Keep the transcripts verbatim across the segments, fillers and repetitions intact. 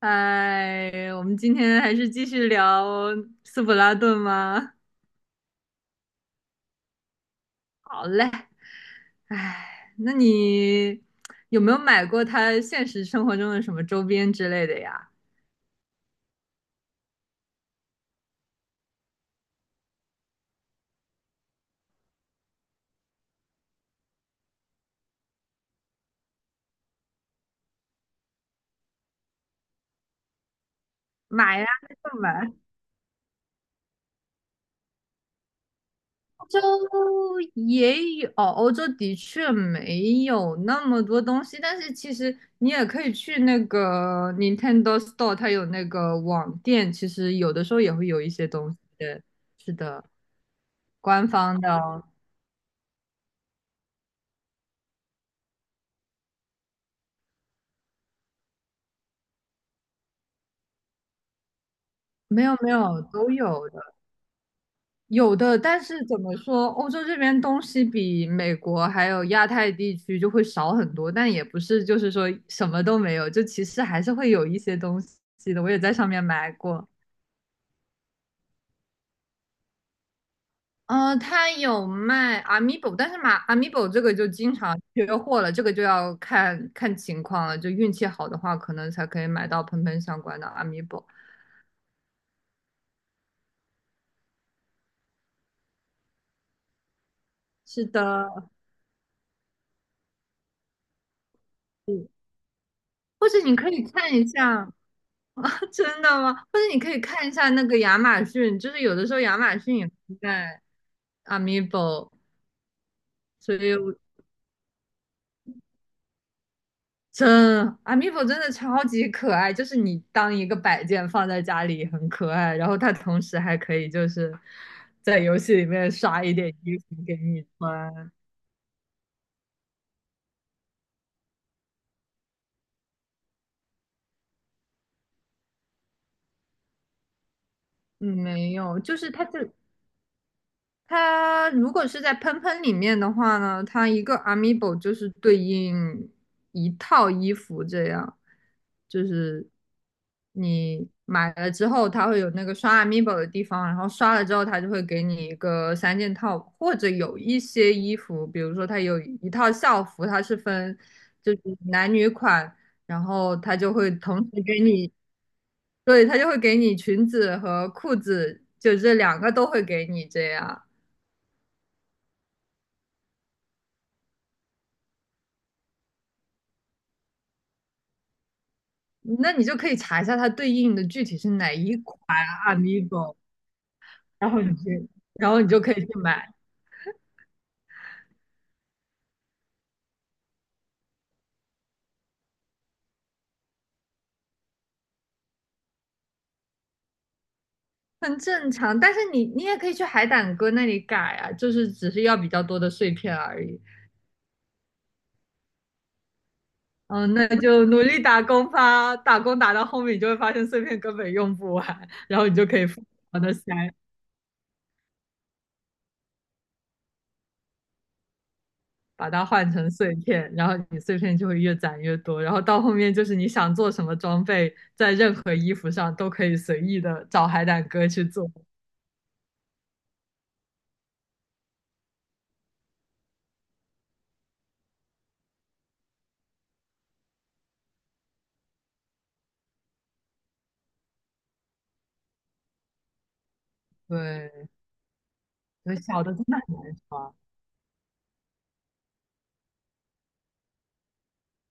哎，我们今天还是继续聊斯普拉顿吗？好嘞。哎，那你有没有买过他现实生活中的什么周边之类的呀？买呀，那就买。欧洲也有，哦欧洲的确没有那么多东西，但是其实你也可以去那个 Nintendo Store，它有那个网店，其实有的时候也会有一些东西的。是的，官方的哦。没有没有，都有的，有的。但是怎么说，欧洲这边东西比美国还有亚太地区就会少很多，但也不是就是说什么都没有，就其实还是会有一些东西的。我也在上面买过，呃，它有卖 Amiibo，但是买 Amiibo 这个就经常缺货了，这个就要看看情况了，就运气好的话，可能才可以买到喷喷相关的 Amiibo。是的，是或者你可以看一下，啊，真的吗？或者你可以看一下那个亚马逊，就是有的时候亚马逊也会在 Amiibo，所以我真 Amiibo 真的超级可爱，就是你当一个摆件放在家里很可爱，然后它同时还可以就是在游戏里面刷一点衣服给你穿。嗯，没有，就是它这它如果是在喷喷里面的话呢，它一个 amiibo 就是对应一套衣服，这样就是你买了之后，它会有那个刷 amiibo 的地方，然后刷了之后，它就会给你一个三件套，或者有一些衣服，比如说它有一套校服，它是分就是男女款，然后它就会同时给你，对，它就会给你裙子和裤子，就这两个都会给你这样。那你就可以查一下它对应的具体是哪一款 Amigo，然后你去，然后你就可以去买，很正常。但是你你也可以去海胆哥那里改啊，就是只是要比较多的碎片而已。嗯，那就努力打工吧，打工打到后面你就会发现碎片根本用不完，然后你就可以疯狂的塞，把它换成碎片，然后你碎片就会越攒越多，然后到后面就是你想做什么装备，在任何衣服上都可以随意的找海胆哥去做。对。有小的真的很难穿。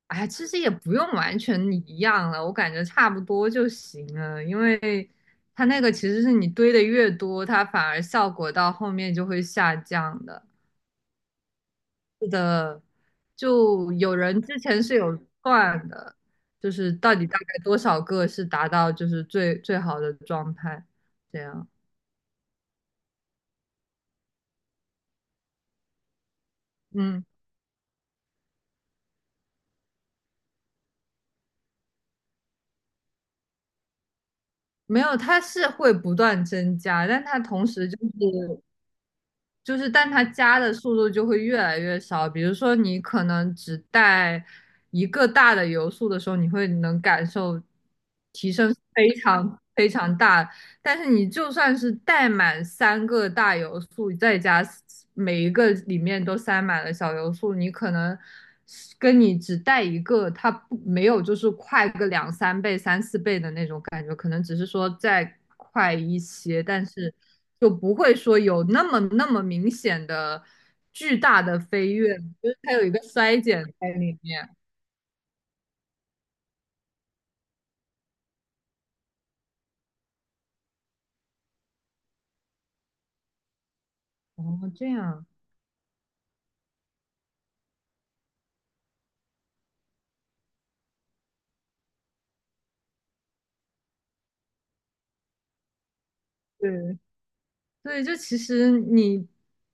哎，其实也不用完全一样了，我感觉差不多就行了，因为它那个其实是你堆的越多，它反而效果到后面就会下降的。是的，就有人之前是有算的，就是到底大概多少个是达到就是最最好的状态，这样。嗯，没有，它是会不断增加，但它同时就是就是，但它加的速度就会越来越少。比如说，你可能只带一个大的油速的时候，你会能感受提升非常非常大。但是你就算是带满三个大油素，再加每一个里面都塞满了小油素，你可能是跟你只带一个，它不没有就是快个两三倍、三四倍的那种感觉，可能只是说再快一些，但是就不会说有那么那么明显的巨大的飞跃，就是它有一个衰减在里面。哦，这样，对。对，就其实你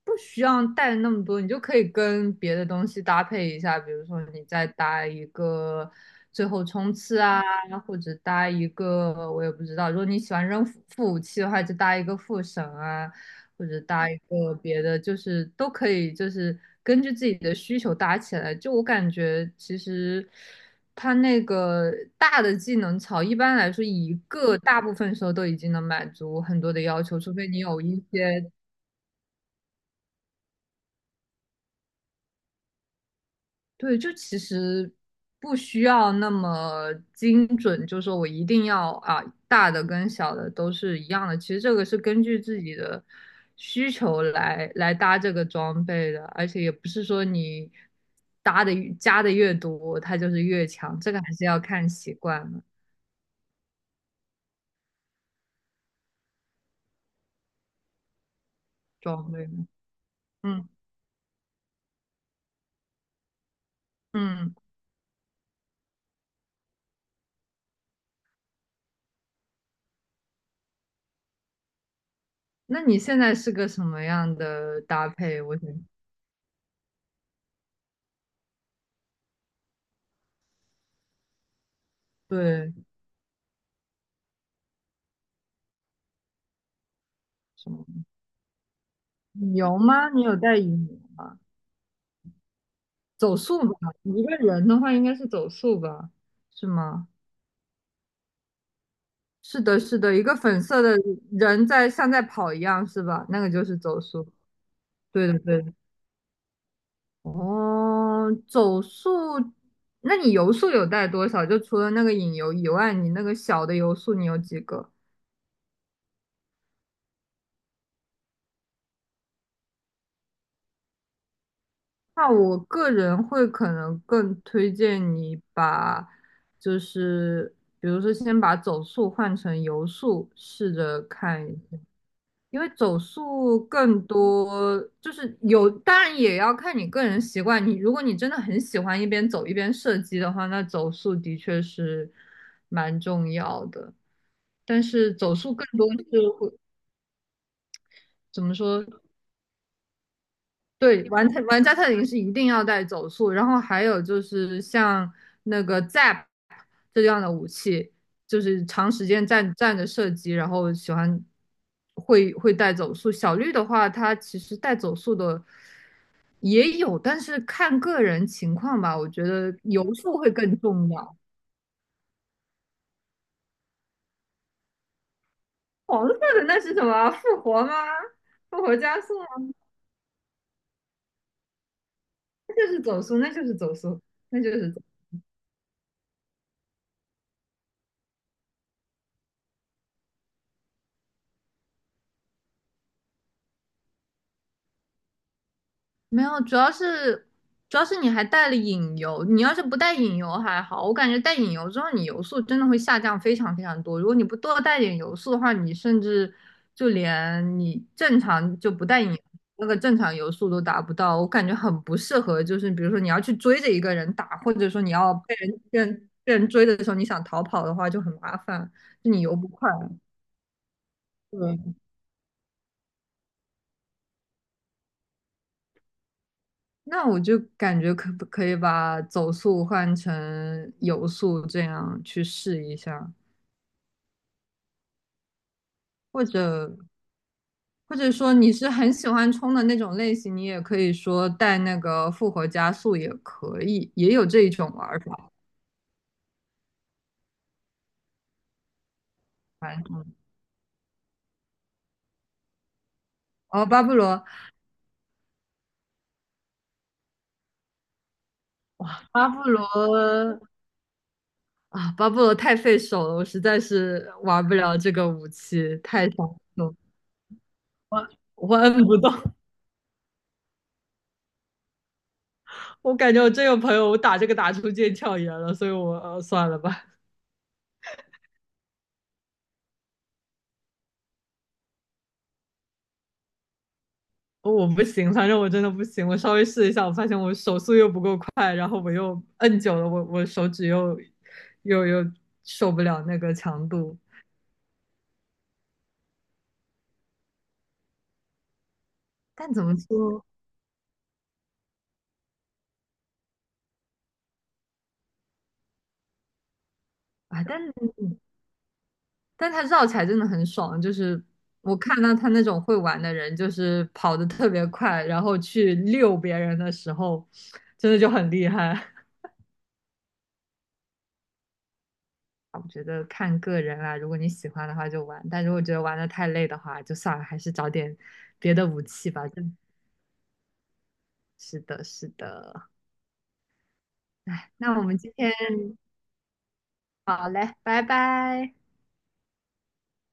不需要带那么多，你就可以跟别的东西搭配一下，比如说你再搭一个最后冲刺啊，或者搭一个我也不知道，如果你喜欢扔副副武器的话，就搭一个副神啊，或者搭一个别的，就是都可以，就是根据自己的需求搭起来。就我感觉，其实它那个大的技能槽，一般来说一个大部分时候都已经能满足很多的要求，除非你有一些对，就其实不需要那么精准，就说我一定要啊，大的跟小的都是一样的。其实这个是根据自己的需求来来搭这个装备的，而且也不是说你搭的越加的越多，它就是越强。这个还是要看习惯了装备的。嗯嗯，那你现在是个什么样的搭配？我想对什么羽绒吗？你有带羽绒吗？走速吧，一个人的话应该是走速吧，是吗？是的，是的，一个粉色的人在像在跑一样，是吧？那个就是走速。对的，对的。哦，走速，那你游速有带多少？就除了那个引游以外，你那个小的游速你有几个？那我个人会可能更推荐你把，就是比如说先把走速换成游速，试着看。因为走速更多，就是有，当然也要看你个人习惯。你如果你真的很喜欢一边走一边射击的话，那走速的确是蛮重要的。但是走速更多是会怎么说？对，玩特玩家特林是一定要带走速，然后还有就是像那个 Zap 这样的武器，就是长时间站站着射击，然后喜欢会会带走速。小绿的话，它其实带走速的。也有，但是看个人情况吧，我觉得游数会更重要。黄色的那是什么？复活吗？复活加速吗？那就是走速，那就是走速，那就是。走没有，主要是主要是你还带了隐游，你要是不带隐游还好，我感觉带隐游之后，你游速真的会下降非常非常多。如果你不多带点游速的话，你甚至就连你正常就不带引游那个正常游速都达不到，我感觉很不适合。就是比如说你要去追着一个人打，或者说你要被人被人被人追的时候，你想逃跑的话就很麻烦，就你游不快。对，那我就感觉可不可以把走速换成游速，这样去试一下，或者或者说你是很喜欢冲的那种类型，你也可以说带那个复活加速也可以，也有这一种玩法。反正哦，巴布罗，巴布罗啊，巴布罗太费手了，我实在是玩不了这个武器，太伤手，我我摁不动，我感觉我真有朋友我打这个打出腱鞘炎了，所以我呃算了吧。哦我不行，反正我真的不行。我稍微试一下，我发现我手速又不够快，然后我又摁久了，我我手指又又又受不了那个强度。但怎么说啊？但但他绕起来真的很爽，就是我看到他那种会玩的人，就是跑得特别快，然后去溜别人的时候，真的就很厉害。我觉得看个人啦，如果你喜欢的话就玩，但如果觉得玩的太累的话，就算了，还是找点别的武器吧。就是的，是的。哎，那我们今天好嘞，拜拜。